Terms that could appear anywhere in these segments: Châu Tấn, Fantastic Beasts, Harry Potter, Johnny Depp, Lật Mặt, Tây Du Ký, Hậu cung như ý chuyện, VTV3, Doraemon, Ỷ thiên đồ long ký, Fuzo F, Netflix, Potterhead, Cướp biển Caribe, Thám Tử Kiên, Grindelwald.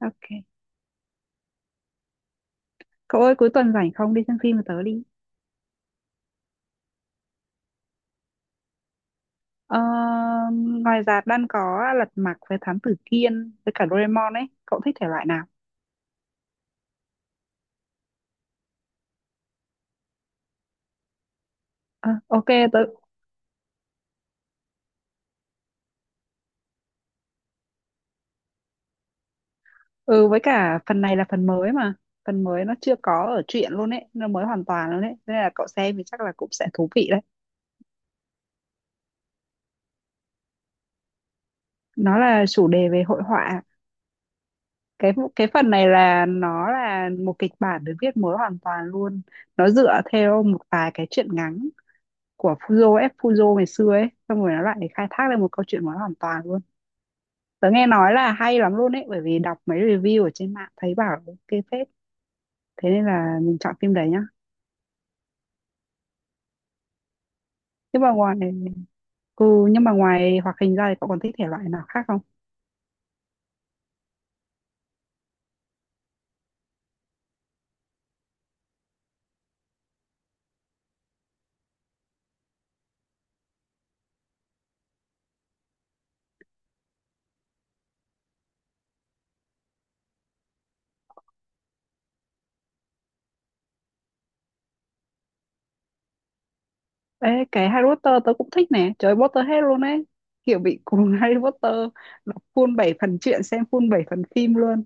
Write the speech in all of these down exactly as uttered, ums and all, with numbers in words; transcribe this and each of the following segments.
Ok. Cậu ơi cuối tuần rảnh không đi xem phim với tớ đi. Ờ, ngoài rạp đang có Lật Mặt với Thám Tử Kiên với cả Doraemon ấy. Cậu thích thể loại nào? Ờ, ok tớ ừ với cả phần này là phần mới mà. Phần mới nó chưa có ở truyện luôn ấy, nó mới hoàn toàn luôn ấy. Thế nên là cậu xem thì chắc là cũng sẽ thú vị đấy. Nó là chủ đề về hội họa. Cái cái phần này là nó là một kịch bản được viết mới hoàn toàn luôn. Nó dựa theo một vài cái truyện ngắn của Fuzo F Fuzo ngày xưa ấy, xong rồi nó lại khai thác lên một câu chuyện của nó hoàn toàn luôn. Tớ nghe nói là hay lắm luôn ấy, bởi vì đọc mấy review ở trên mạng thấy bảo ok phết, thế nên là mình chọn phim đấy nhá. Nhưng mà ngoài ừ, nhưng mà ngoài hoạt hình ra thì cậu còn thích thể loại nào khác không? Ê, cái Harry Potter tớ cũng thích nè, trời ơi, Potterhead luôn ấy, kiểu bị cuồng Harry Potter, đọc full bảy phần truyện, xem full bảy phần phim luôn.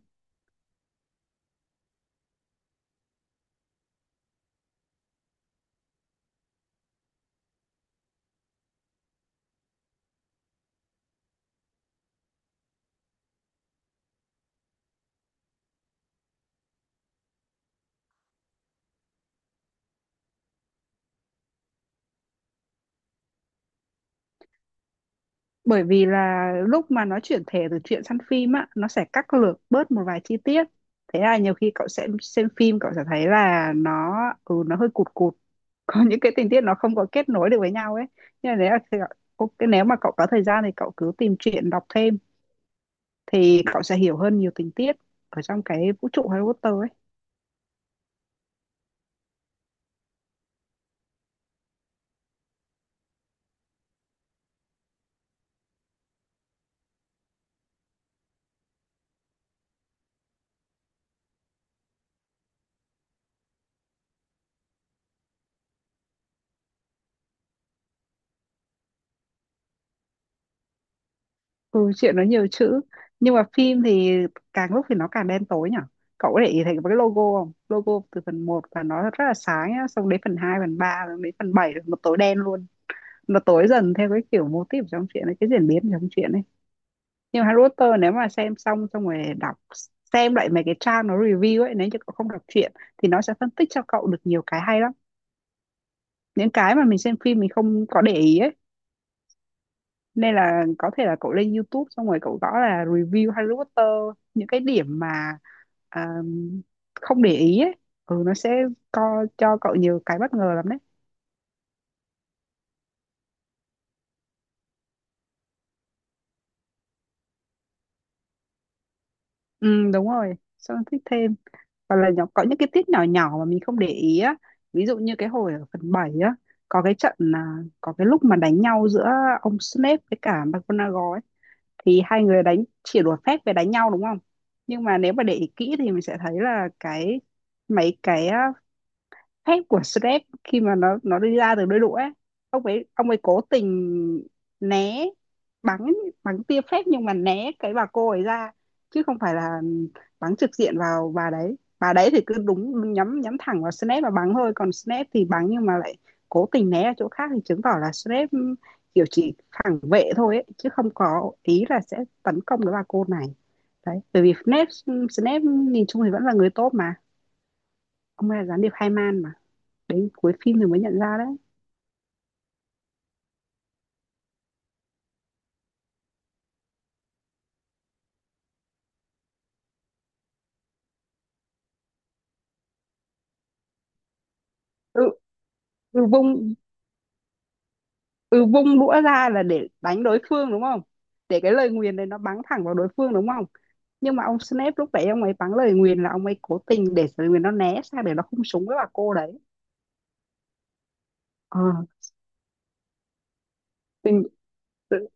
Bởi vì là lúc mà nó chuyển thể từ truyện sang phim á, nó sẽ cắt lược bớt một vài chi tiết, thế là nhiều khi cậu sẽ xem phim cậu sẽ thấy là nó, ừ, nó hơi cụt cụt, có những cái tình tiết nó không có kết nối được với nhau ấy. Nhưng mà nếu, thì, ok, nếu mà cậu có thời gian thì cậu cứ tìm truyện đọc thêm thì cậu sẽ hiểu hơn nhiều tình tiết ở trong cái vũ trụ Harry Potter ấy. Ừ, chuyện nó nhiều chữ, nhưng mà phim thì càng lúc thì nó càng đen tối nhở. Cậu có để ý thấy cái logo không? Logo từ phần một là nó rất là sáng nhá, xong đến phần hai phần ba rồi đến phần bảy là nó tối đen luôn, nó tối dần theo cái kiểu mô típ trong chuyện ấy, cái diễn biến trong chuyện ấy. Nhưng mà Harry Potter nếu mà xem xong xong rồi đọc, xem lại mấy cái trang nó review ấy, nếu như cậu không đọc truyện thì nó sẽ phân tích cho cậu được nhiều cái hay lắm, những cái mà mình xem phim mình không có để ý ấy. Nên là có thể là cậu lên YouTube xong rồi cậu gõ là review Harry Potter, những cái điểm mà à, không để ý ấy, ừ, nó sẽ co cho cậu nhiều cái bất ngờ lắm đấy. Ừ đúng rồi, xong thích thêm, hoặc là nhỏ, có những cái tiết nhỏ nhỏ mà mình không để ý á. Ví dụ như cái hồi ở phần bảy á, có cái trận là có cái lúc mà đánh nhau giữa ông Snape với cả McGonagall ấy, thì hai người đánh chỉ đùa phép về đánh nhau đúng không, nhưng mà nếu mà để ý kỹ thì mình sẽ thấy là cái, mấy cái á, thép của Shrek khi mà nó nó đi ra từ đôi đũa ấy, ông ấy ông ấy cố tình né, bắn bắn tia phép nhưng mà né cái bà cô ấy ra, chứ không phải là bắn trực diện vào bà đấy. Bà đấy thì cứ đúng nhắm nhắm thẳng vào Snape và bắn thôi, còn Snape thì bắn nhưng mà lại cố tình né ở chỗ khác, thì chứng tỏ là Snape kiểu chỉ phản vệ thôi ấy, chứ không có ý là sẽ tấn công cái bà cô này đấy. Bởi vì Snape Snape nhìn chung thì vẫn là người tốt mà, ông ấy là gián điệp hai man mà, đấy cuối phim thì mới nhận ra đấy. Ừ, ừ vung ừ vung đũa ra là để đánh đối phương đúng không, để cái lời nguyền đấy nó bắn thẳng vào đối phương đúng không. Nhưng mà ông Snape lúc đấy ông ấy bắn lời nguyền là ông ấy cố tình để lời nguyền nó né sang để nó không súng với bà cô đấy. Ờ, mình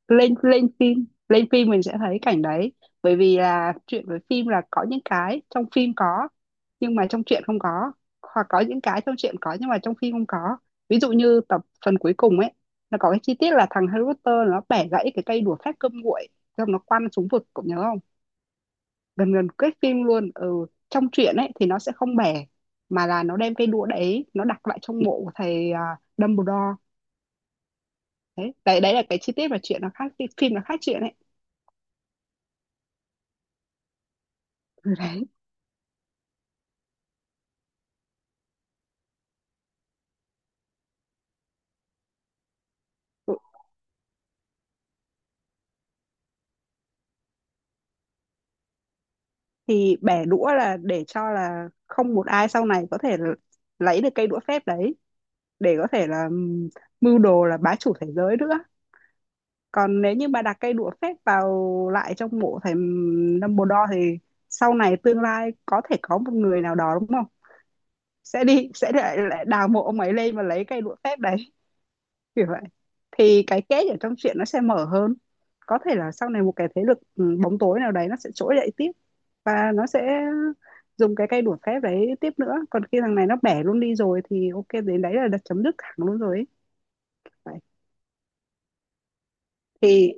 lên lên phim lên phim mình sẽ thấy cảnh đấy, bởi vì là chuyện với phim là có những cái trong phim có nhưng mà trong truyện không có, hoặc có những cái trong truyện có nhưng mà trong phim không có. Ví dụ như tập phần cuối cùng ấy, nó có cái chi tiết là thằng Harry Potter nó bẻ gãy cái cây đũa phép cơm nguội xong nó quăng xuống vực, cậu nhớ không? Gần gần kết phim luôn, ừ, trong truyện ấy thì nó sẽ không bẻ, mà là nó đem cây đũa đấy nó đặt lại trong mộ của thầy à, Dumbledore. Đấy đấy đấy là cái chi tiết mà chuyện nó khác phim, nó khác chuyện ấy. Ừ, đấy, thì bẻ đũa là để cho là không một ai sau này có thể lấy được cây đũa phép đấy để có thể là mưu đồ là bá chủ thế giới nữa. Còn nếu như mà đặt cây đũa phép vào lại trong mộ thầy Dumbledore thì sau này tương lai có thể có một người nào đó đúng không, sẽ đi sẽ lại đào mộ ông ấy lên và lấy cây đũa phép đấy, kiểu vậy. Thì cái kết ở trong truyện nó sẽ mở hơn, có thể là sau này một cái thế lực ừ, bóng tối nào đấy nó sẽ trỗi dậy tiếp và nó sẽ dùng cái cây đũa phép đấy tiếp nữa, còn khi thằng này nó bẻ luôn đi rồi thì ok, đến đấy là đặt chấm dứt thẳng luôn rồi ấy. Vậy. Thì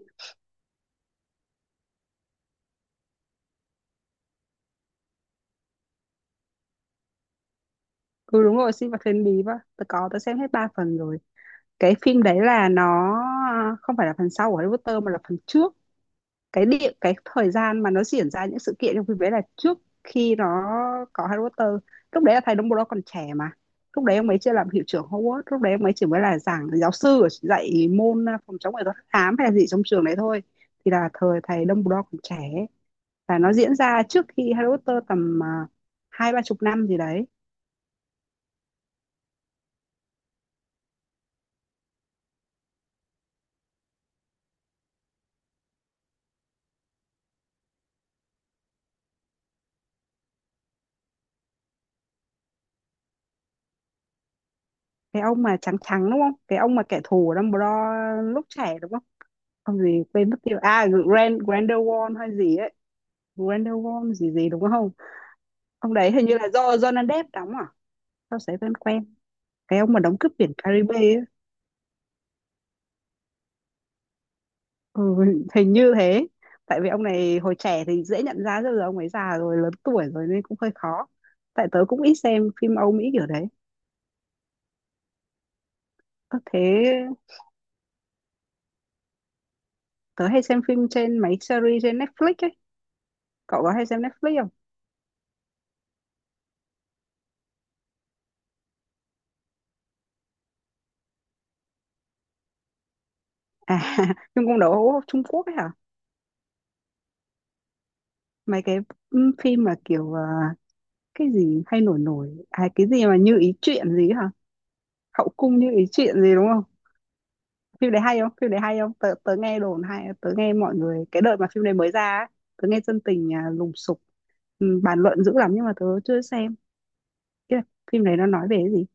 ừ đúng rồi, sinh vật thiên bí và tớ có tớ xem hết ba phần rồi. Cái phim đấy là nó à, không phải là phần sau của Harry Potter mà là phần trước. Cái địa cái thời gian mà nó diễn ra những sự kiện trong phim đấy là trước khi nó có Harry Potter. Lúc đấy là thầy Dumbledore còn trẻ mà, lúc đấy ông ấy chưa làm hiệu trưởng Hogwarts, lúc đấy ông ấy chỉ mới là giảng giáo sư ở- dạy môn à, phòng chống nghệ thuật hắc ám hay là gì trong trường đấy thôi. Thì là thời thầy Dumbledore còn trẻ và nó diễn ra trước khi Harry Potter tầm à, hai ba chục năm gì đấy. Cái ông mà trắng trắng đúng không, cái ông mà kẻ thù của Dumbledore lúc trẻ đúng không? Không, gì quên mất tiêu, à Grand Grindelwald hay gì ấy, Grindelwald gì gì đúng không? Ông đấy hình như là do Johnny Depp đóng à? Sao sấy vẫn quen. Cái ông mà đóng Cướp biển Caribe ấy. Ừ, hình như thế. Tại vì ông này hồi trẻ thì dễ nhận ra rồi, giờ ông ấy già rồi, lớn tuổi rồi nên cũng hơi khó. Tại tớ cũng ít xem phim Âu Mỹ kiểu đấy. Ơ thế tớ hay xem phim trên mấy series trên Netflix ấy. Cậu có hay xem Netflix không? À, nhưng cũng đấu Trung Quốc ấy hả? Mấy cái ừ, phim mà kiểu à, cái gì hay nổi nổi. À cái gì mà như ý chuyện gì ấy hả? Hậu cung như ý chuyện gì đúng không? Phim đấy hay không, phim đấy hay không tớ, tớ nghe đồn hay, tớ nghe mọi người cái đợt mà phim đấy mới ra á, tớ nghe dân tình à, lùng sục, ừ, bàn luận dữ lắm nhưng mà tớ chưa xem. Cái phim đấy nó nói về cái gì?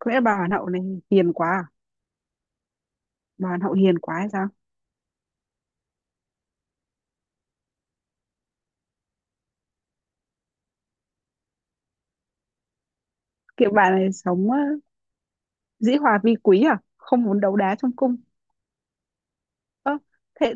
Có lẽ bà hoàn hậu này hiền quá à? Bà hoàn hậu hiền quá hay sao, kiểu bà này sống ờ, dĩ hòa vi quý, à không muốn đấu đá trong cung? Ơ thế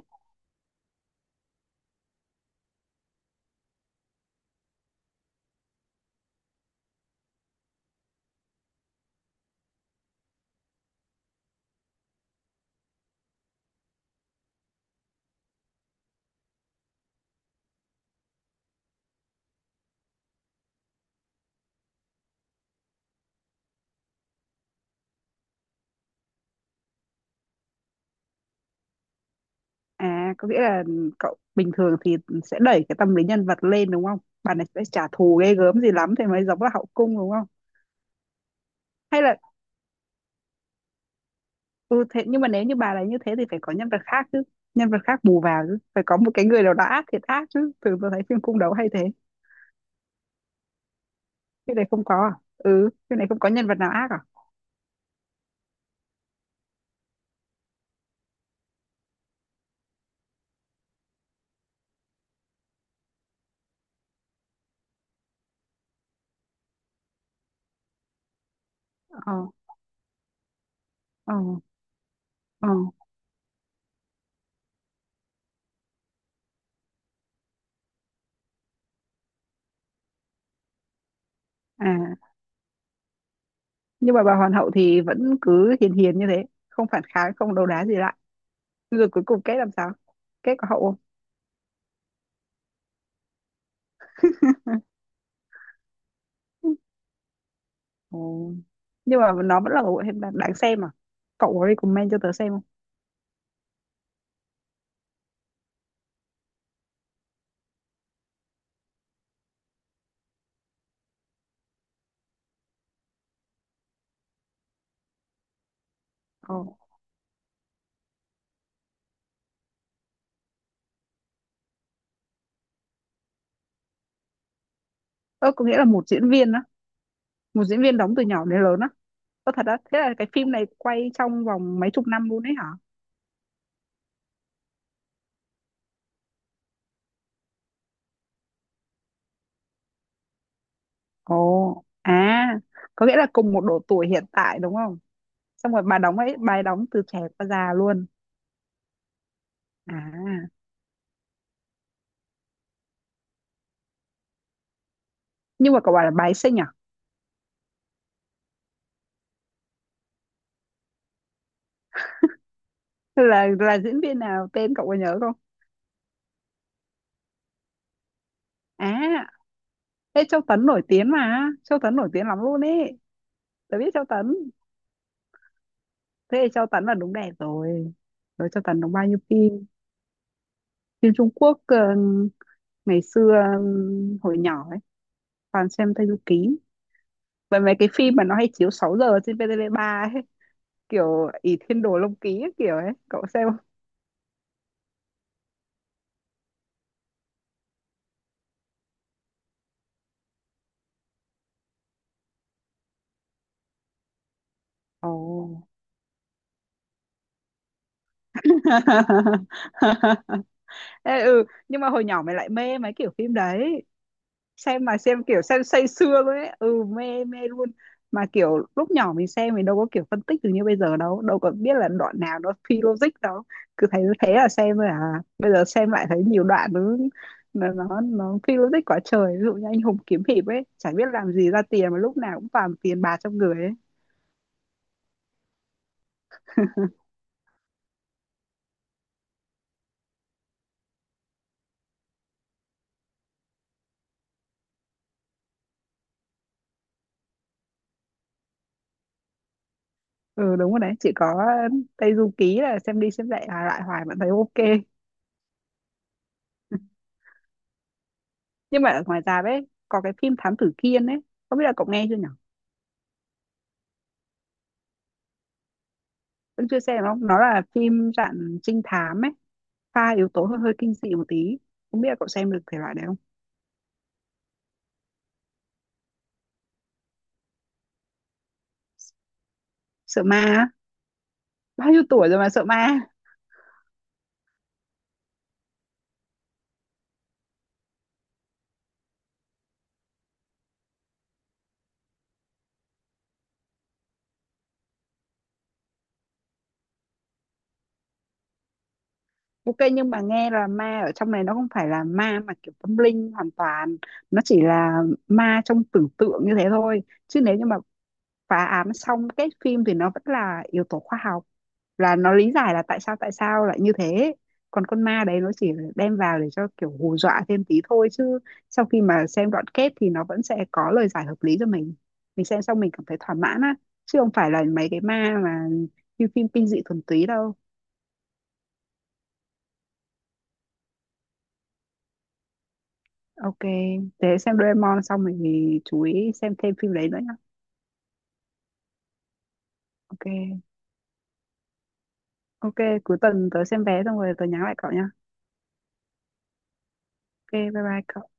à, có nghĩa là cậu bình thường thì sẽ đẩy cái tâm lý nhân vật lên đúng không, bà này sẽ trả thù ghê gớm gì lắm thì mới giống là hậu cung đúng không? Hay là, ừ, thế nhưng mà nếu như bà là như thế thì phải có nhân vật khác chứ, nhân vật khác bù vào chứ, phải có một cái người nào đó ác thiệt ác chứ, thường tôi thấy phim cung đấu hay thế. Cái này không có à? Ừ, cái này không có nhân vật nào ác à? Ờ. Ờ. Ờ. À, nhưng mà bà hoàng hậu thì vẫn cứ hiền hiền như thế, không phản kháng không đấu đá gì lại, rồi cuối cùng kết làm sao, kết có hậu không? Ừ. Nhưng mà nó vẫn là một bộ phim đáng đáng xem à? Cậu có recommend cho tớ xem không? Ờ, ừ, có nghĩa là một diễn viên á, một diễn viên đóng từ nhỏ đến lớn á? Có thật đó, thế là cái phim này quay trong vòng mấy chục năm luôn đấy hả? Ồ, à, có nghĩa là cùng một độ tuổi hiện tại đúng không? Xong rồi bà đóng ấy, bà ấy đóng từ trẻ qua già luôn. À, nhưng mà cậu bảo là bà ấy xinh à? Là là diễn viên nào, tên cậu có nhớ không? À, thế Châu Tấn nổi tiếng mà, Châu Tấn nổi tiếng lắm luôn ấy. Tớ biết Châu Tấn, thế thì Châu Tấn là đúng đẹp rồi. Rồi Châu Tấn đóng bao nhiêu phim? Phim Trung Quốc ờ, ngày xưa ờ, hồi nhỏ ấy, toàn xem Tây Du Ký. Và mấy cái phim mà nó hay chiếu sáu giờ trên vê tê vê ba ấy, kiểu Ỷ Thiên Đồ Long Ký ấy, kiểu ấy cậu xem không? Ồ. Ê, ừ nhưng mà hồi nhỏ mày lại mê mấy kiểu phim đấy, xem mà xem kiểu xem say sưa luôn ấy, ừ mê mê luôn. Mà kiểu lúc nhỏ mình xem mình đâu có kiểu phân tích được như bây giờ đâu, đâu có biết là đoạn nào nó phi logic đâu, cứ thấy thế là xem rồi. À bây giờ xem lại thấy nhiều đoạn nó, nó nó, nó phi logic quá trời, ví dụ như anh hùng kiếm hiệp ấy chả biết làm gì ra tiền mà lúc nào cũng toàn tiền bạc trong người ấy. Ừ đúng rồi, đấy chỉ có Tây Du Ký là xem đi xem lại lại hoài vẫn thấy ok. Nhưng mà ở ngoài ra đấy có cái phim Thám Tử Kiên ấy, không biết là cậu nghe chưa nhỉ? Vẫn chưa xem không, nó là phim dạng trinh thám ấy, pha yếu tố hơi hơi kinh dị một tí, không biết là cậu xem được thể loại đấy không? Sợ ma á? Bao nhiêu tuổi rồi mà sợ ma? Ok, nhưng mà nghe là ma ở trong này nó không phải là ma mà kiểu tâm linh hoàn toàn, nó chỉ là ma trong tưởng tượng như thế thôi. Chứ nếu như mà phá án xong cái phim thì nó vẫn là yếu tố khoa học, là nó lý giải là tại sao tại sao lại như thế, còn con ma đấy nó chỉ là đem vào để cho kiểu hù dọa thêm tí thôi, chứ sau khi mà xem đoạn kết thì nó vẫn sẽ có lời giải hợp lý cho mình mình xem xong mình cảm thấy thỏa mãn á, chứ không phải là mấy cái ma mà như phim kinh dị thuần túy đâu. Ok thế xem Doraemon xong mình thì chú ý xem thêm phim đấy nữa nhá. Ok. Ok, cuối tuần tớ xem vé xong rồi tớ nhắn lại cậu nhá. Ok, bye bye cậu.